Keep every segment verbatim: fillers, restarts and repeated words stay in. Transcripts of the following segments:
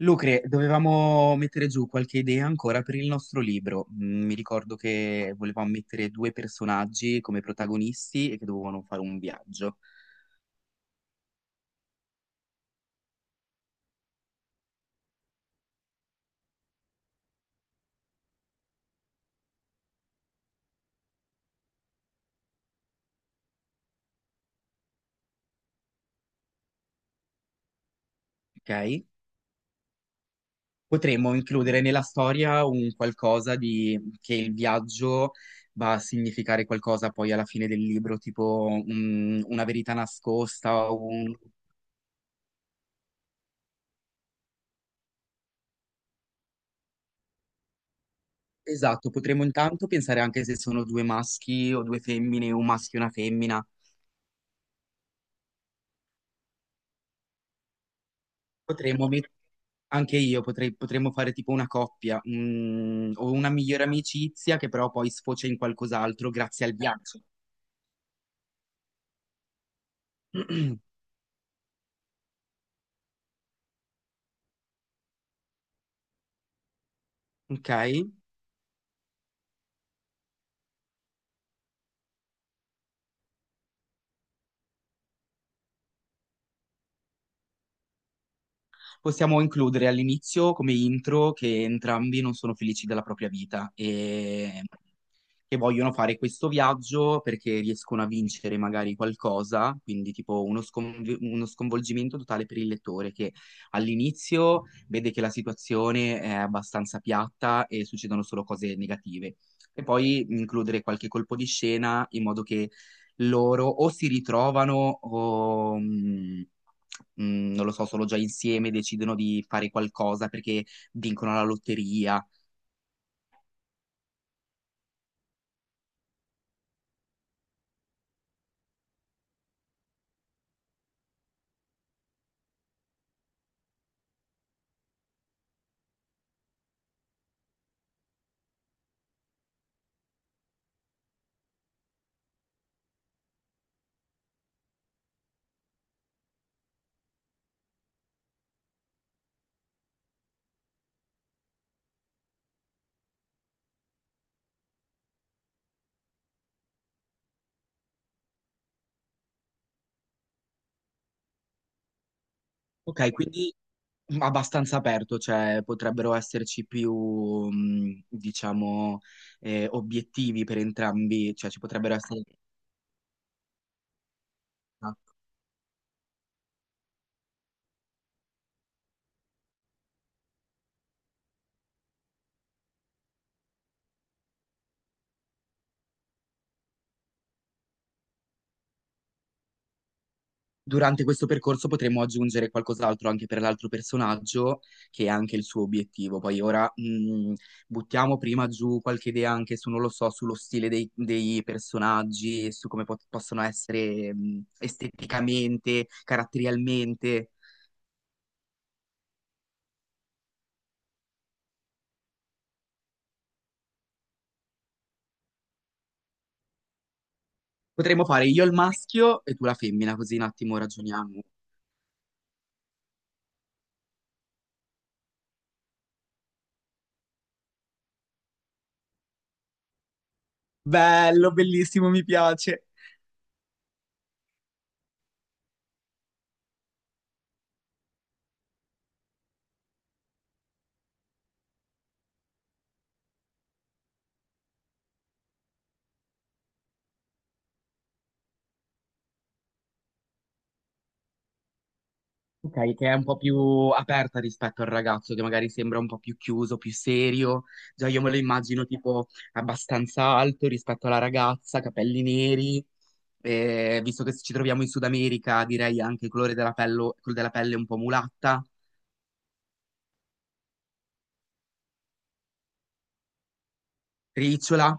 Lucre, dovevamo mettere giù qualche idea ancora per il nostro libro. Mm, Mi ricordo che volevamo mettere due personaggi come protagonisti e che dovevano fare un viaggio, ok? Potremmo includere nella storia un qualcosa di... che il viaggio va a significare qualcosa poi alla fine del libro, tipo mm, una verità nascosta o un... Esatto, potremmo intanto pensare anche se sono due maschi o due femmine, un maschio e una femmina. Potremmo met- Anche io potrei, potremmo fare tipo una coppia, mm, o una migliore amicizia che però poi sfocia in qualcos'altro grazie al viaggio. Ok? Possiamo includere all'inizio come intro che entrambi non sono felici della propria vita e che vogliono fare questo viaggio perché riescono a vincere magari qualcosa, quindi tipo uno, sconv- uno sconvolgimento totale per il lettore che all'inizio vede che la situazione è abbastanza piatta e succedono solo cose negative. E poi includere qualche colpo di scena in modo che loro o si ritrovano o... mm, mm, non lo so, sono già insieme, decidono di fare qualcosa perché vincono la lotteria. Ok, quindi abbastanza aperto, cioè potrebbero esserci più, mm, diciamo, eh, obiettivi per entrambi, cioè ci potrebbero essere... Durante questo percorso potremo aggiungere qualcos'altro anche per l'altro personaggio, che è anche il suo obiettivo. Poi ora mh, buttiamo prima giù qualche idea anche su, non lo so, sullo stile dei, dei personaggi, su come pot- possono essere mh, esteticamente, caratterialmente. Potremmo fare io il maschio e tu la femmina, così un attimo ragioniamo. Bello, bellissimo, mi piace. Ok, che è un po' più aperta rispetto al ragazzo che magari sembra un po' più chiuso, più serio. Già io me lo immagino tipo abbastanza alto rispetto alla ragazza, capelli neri. Eh, visto che ci troviamo in Sud America, direi anche il colore della pelle, quello della pelle un po' mulatta, ricciola.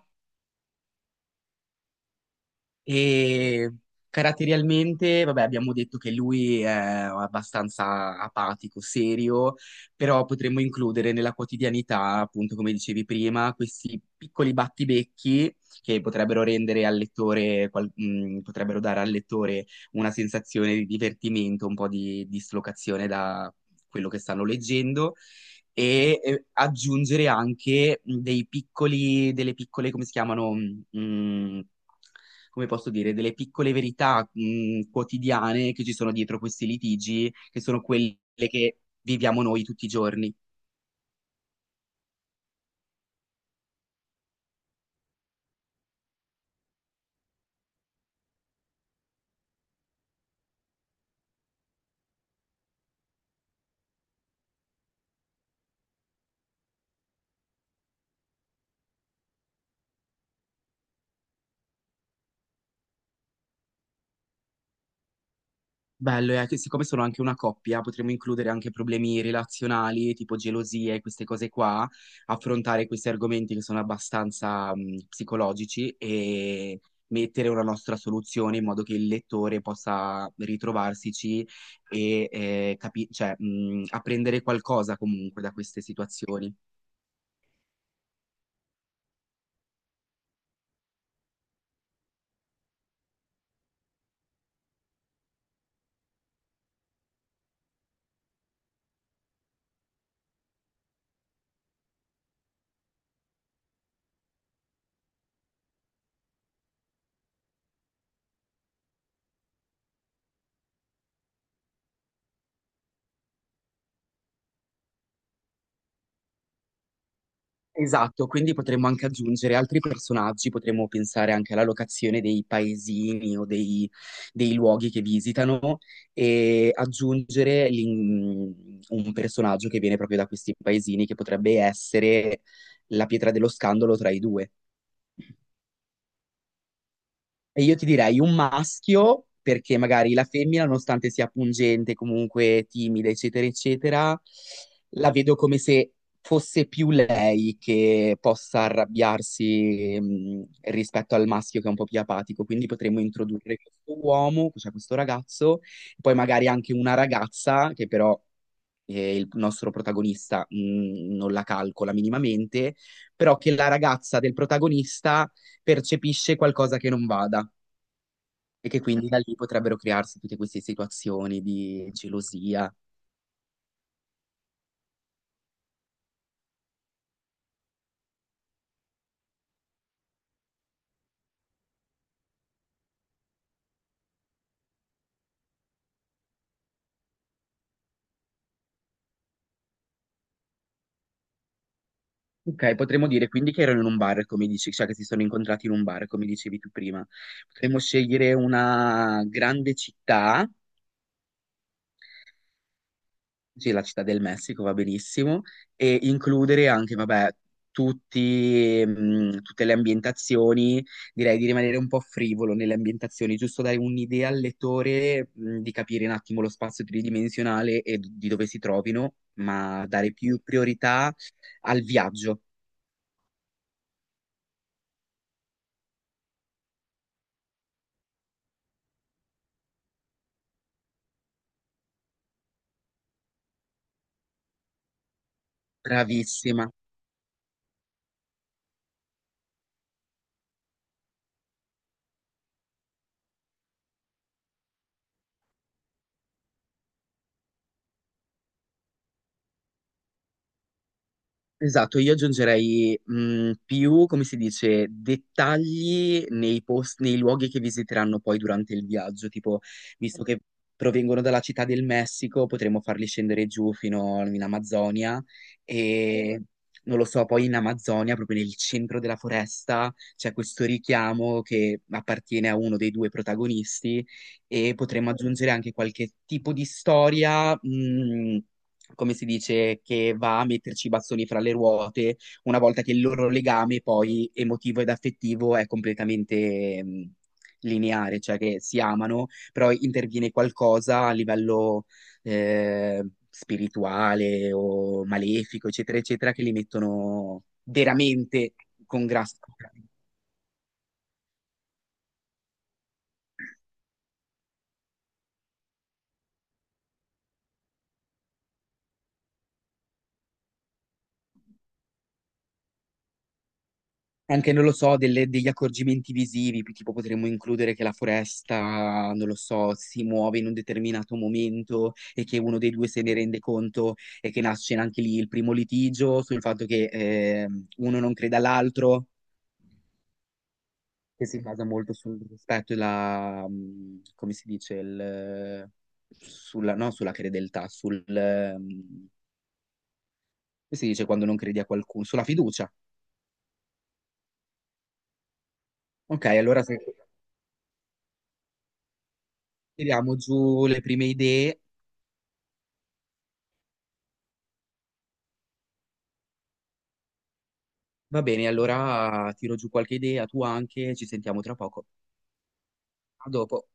E caratterialmente, vabbè, abbiamo detto che lui è abbastanza apatico, serio, però potremmo includere nella quotidianità, appunto, come dicevi prima, questi piccoli battibecchi che potrebbero rendere al lettore, qual- mh, potrebbero dare al lettore una sensazione di divertimento, un po' di dislocazione da quello che stanno leggendo. E eh, aggiungere anche dei piccoli, delle piccole, come si chiamano? mh, Come posso dire, delle piccole verità, mh, quotidiane che ci sono dietro questi litigi, che sono quelle che viviamo noi tutti i giorni. Bello, è che siccome sono anche una coppia, potremmo includere anche problemi relazionali, tipo gelosie, queste cose qua, affrontare questi argomenti che sono abbastanza, mh, psicologici e mettere una nostra soluzione in modo che il lettore possa ritrovarsici e eh, capi- cioè, mh, apprendere qualcosa comunque da queste situazioni. Esatto, quindi potremmo anche aggiungere altri personaggi, potremmo pensare anche alla locazione dei paesini o dei, dei luoghi che visitano e aggiungere l'in- un personaggio che viene proprio da questi paesini che potrebbe essere la pietra dello scandalo tra i due. E io ti direi un maschio, perché magari la femmina, nonostante sia pungente, comunque timida, eccetera, eccetera, la vedo come se fosse più lei che possa arrabbiarsi, mh, rispetto al maschio che è un po' più apatico. Quindi potremmo introdurre questo uomo, cioè questo ragazzo, e poi magari anche una ragazza che però eh, il nostro protagonista, mh, non la calcola minimamente, però che la ragazza del protagonista percepisce qualcosa che non vada. E che quindi da lì potrebbero crearsi tutte queste situazioni di gelosia. Ok, potremmo dire quindi che erano in un bar, come dici, cioè che si sono incontrati in un bar, come dicevi tu prima. Potremmo scegliere una grande città. Sì, la città del Messico va benissimo e includere anche, vabbè, tutti, mh, tutte le ambientazioni, direi di rimanere un po' frivolo nelle ambientazioni, giusto dare un'idea al lettore, mh, di capire un attimo lo spazio tridimensionale e d- di dove si trovino, ma dare più priorità al viaggio. Bravissima. Esatto, io aggiungerei mh, più, come si dice, dettagli nei post- nei luoghi che visiteranno poi durante il viaggio, tipo, visto che provengono dalla città del Messico, potremmo farli scendere giù fino in Amazzonia e, non lo so, poi in Amazzonia, proprio nel centro della foresta, c'è questo richiamo che appartiene a uno dei due protagonisti e potremmo aggiungere anche qualche tipo di storia. Mh, come si dice, che va a metterci i bastoni fra le ruote una volta che il loro legame poi emotivo ed affettivo è completamente mh, lineare, cioè che si amano, però interviene qualcosa a livello eh, spirituale o malefico, eccetera, eccetera, che li mettono veramente con grasso. Anche, non lo so, delle- degli accorgimenti visivi, pi- tipo potremmo includere che la foresta, non lo so, si muove in un determinato momento e che uno dei due se ne rende conto e che nasce anche lì il primo litigio sul fatto che ehm, uno non crede all'altro, che si basa molto sul rispetto e la, mh, come si dice, il, sulla, no, sulla credeltà, sul, ehm, come si dice quando non credi a qualcuno, sulla fiducia. Ok, allora se tiriamo giù le prime idee. Va bene, allora tiro giù qualche idea, tu anche, ci sentiamo tra poco. A dopo.